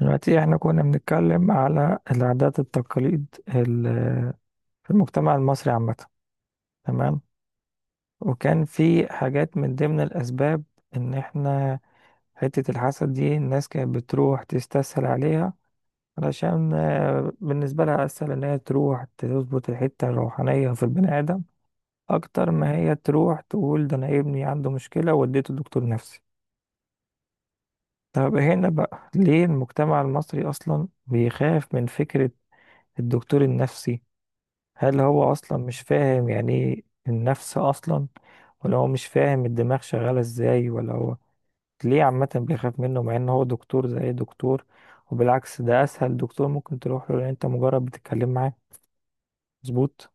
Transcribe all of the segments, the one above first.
دلوقتي احنا كنا بنتكلم على العادات التقاليد في المجتمع المصري عامة. تمام. وكان في حاجات من ضمن الأسباب إن احنا حتة الحسد دي الناس كانت بتروح تستسهل عليها علشان بالنسبة لها أسهل إن هي تروح تظبط الحتة الروحانية في البني آدم أكتر ما هي تروح تقول ده أنا ابني عنده مشكلة وديته دكتور نفسي. طب هنا بقى ليه المجتمع المصري أصلا بيخاف من فكرة الدكتور النفسي؟ هل هو اصلا مش فاهم يعني ايه النفس اصلا؟ ولا هو مش فاهم الدماغ شغالة ازاي، ولا هو ليه عامة بيخاف منه مع ان هو دكتور زي أي دكتور؟ وبالعكس ده اسهل دكتور ممكن تروح له لان انت مجرد بتتكلم معاه. مظبوط.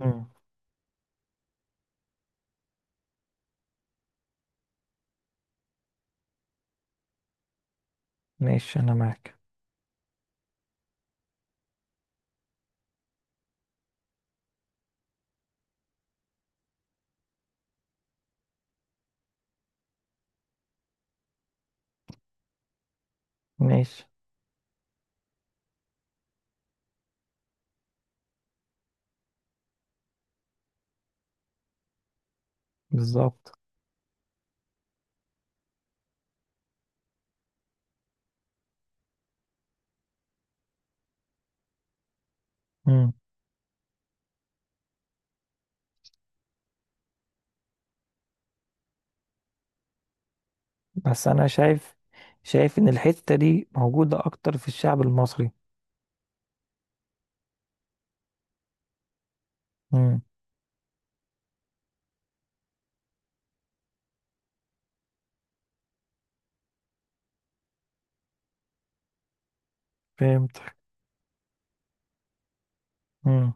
مم. ماشي، انا معاك. ماشي. بالظبط. مم. بس انا شايف ان الحتة دي موجودة اكتر في الشعب المصري. مم. فهمتك. مم.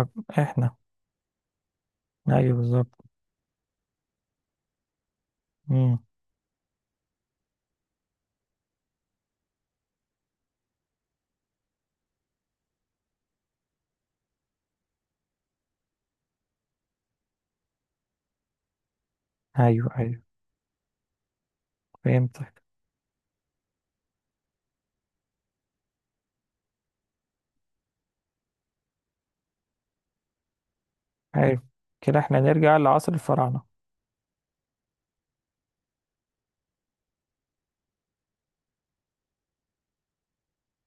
احنا. ايوه بالظبط. مم. ايوه، ايوه. فهمت. حلو. كده احنا نرجع لعصر الفراعنة.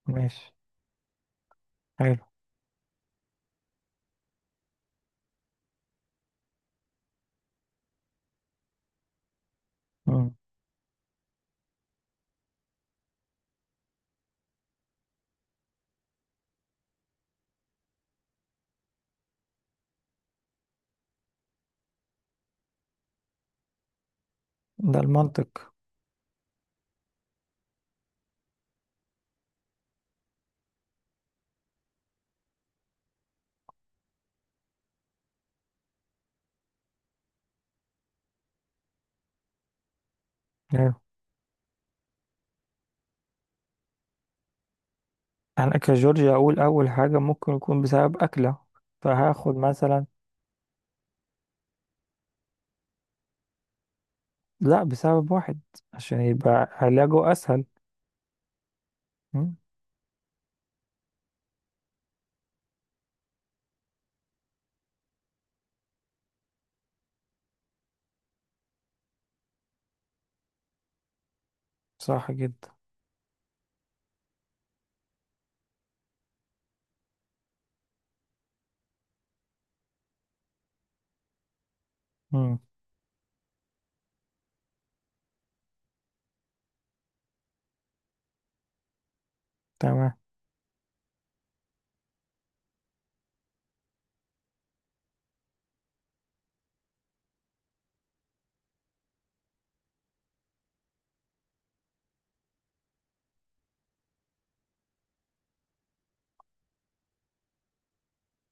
ماشي. حلو. مم. ده المنطق. حلو. انا كجورجيا اقول اول حاجة ممكن يكون بسبب اكلة، فهاخد مثلا. لا، بسبب واحد عشان يبقى علاجه اسهل. مم. صح جدا. مم. تمام.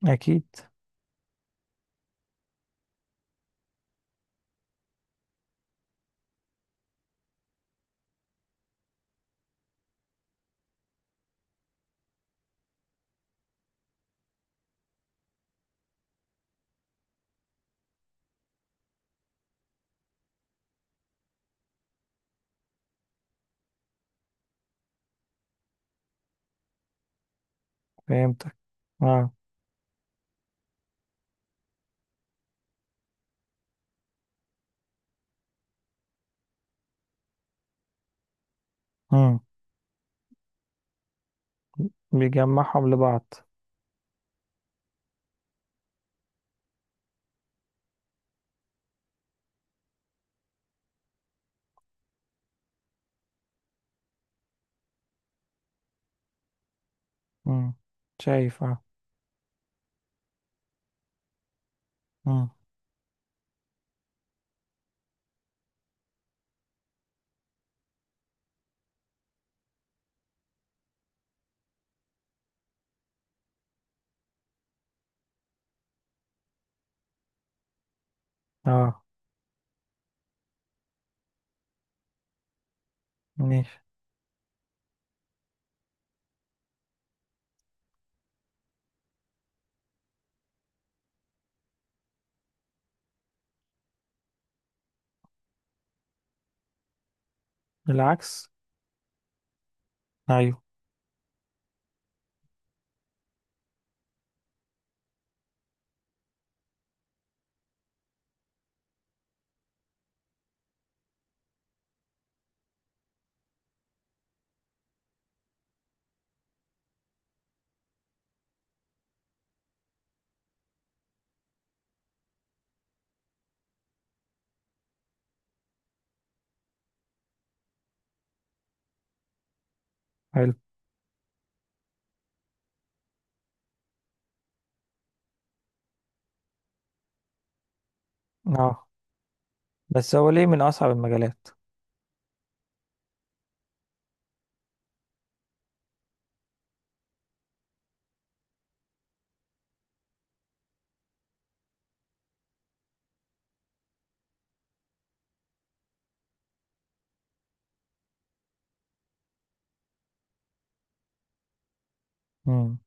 اكيد. فهمتك. اه. مم. بيجمعهم لبعض. مم. شايف، اه. مم. اه. ماشي. العكس. ايوه. حلو. اه. بس هو ليه من اصعب المجالات؟ مم.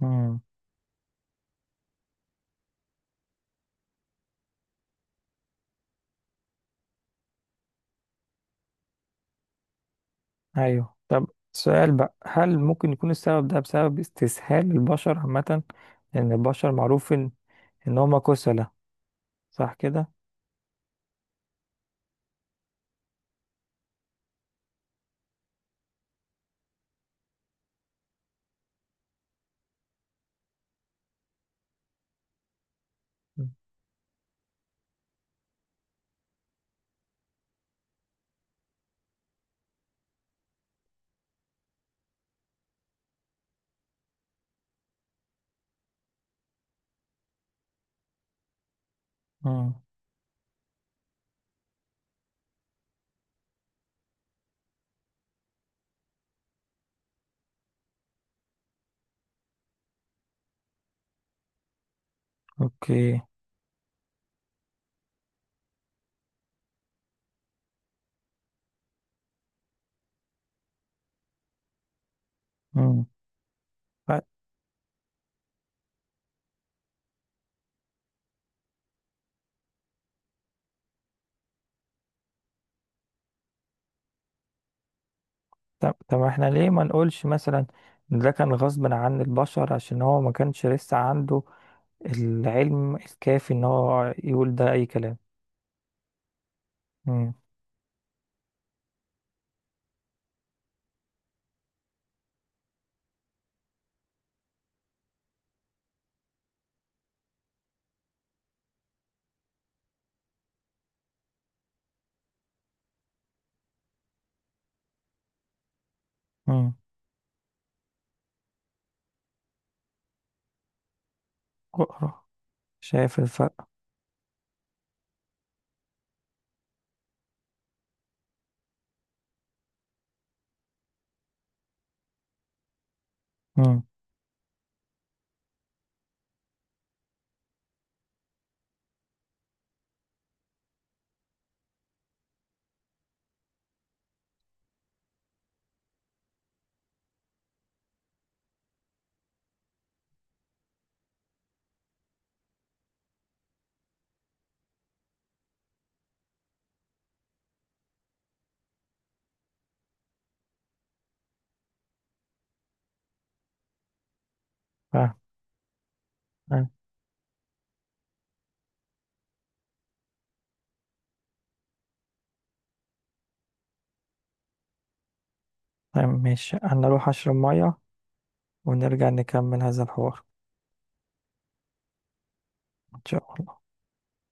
مم. ايوه، طب. سؤال بقى، هل ممكن يكون السبب ده بسبب استسهال البشر عامة؟ لأن البشر معروف إن هما كسلة. صح كده؟ امم. أوكي. امم. ف- طب إحنا ليه ما نقولش مثلا إن ده كان غصب عن البشر عشان هو ما كانش لسه عنده العلم الكافي إن هو يقول ده أي كلام. امم. امم. اقرأ. شايف الفرق. امم. فاهم. فاهم. ماشي، أنا أروح أشرب مية ونرجع نكمل هذا الحوار. إن شاء الله.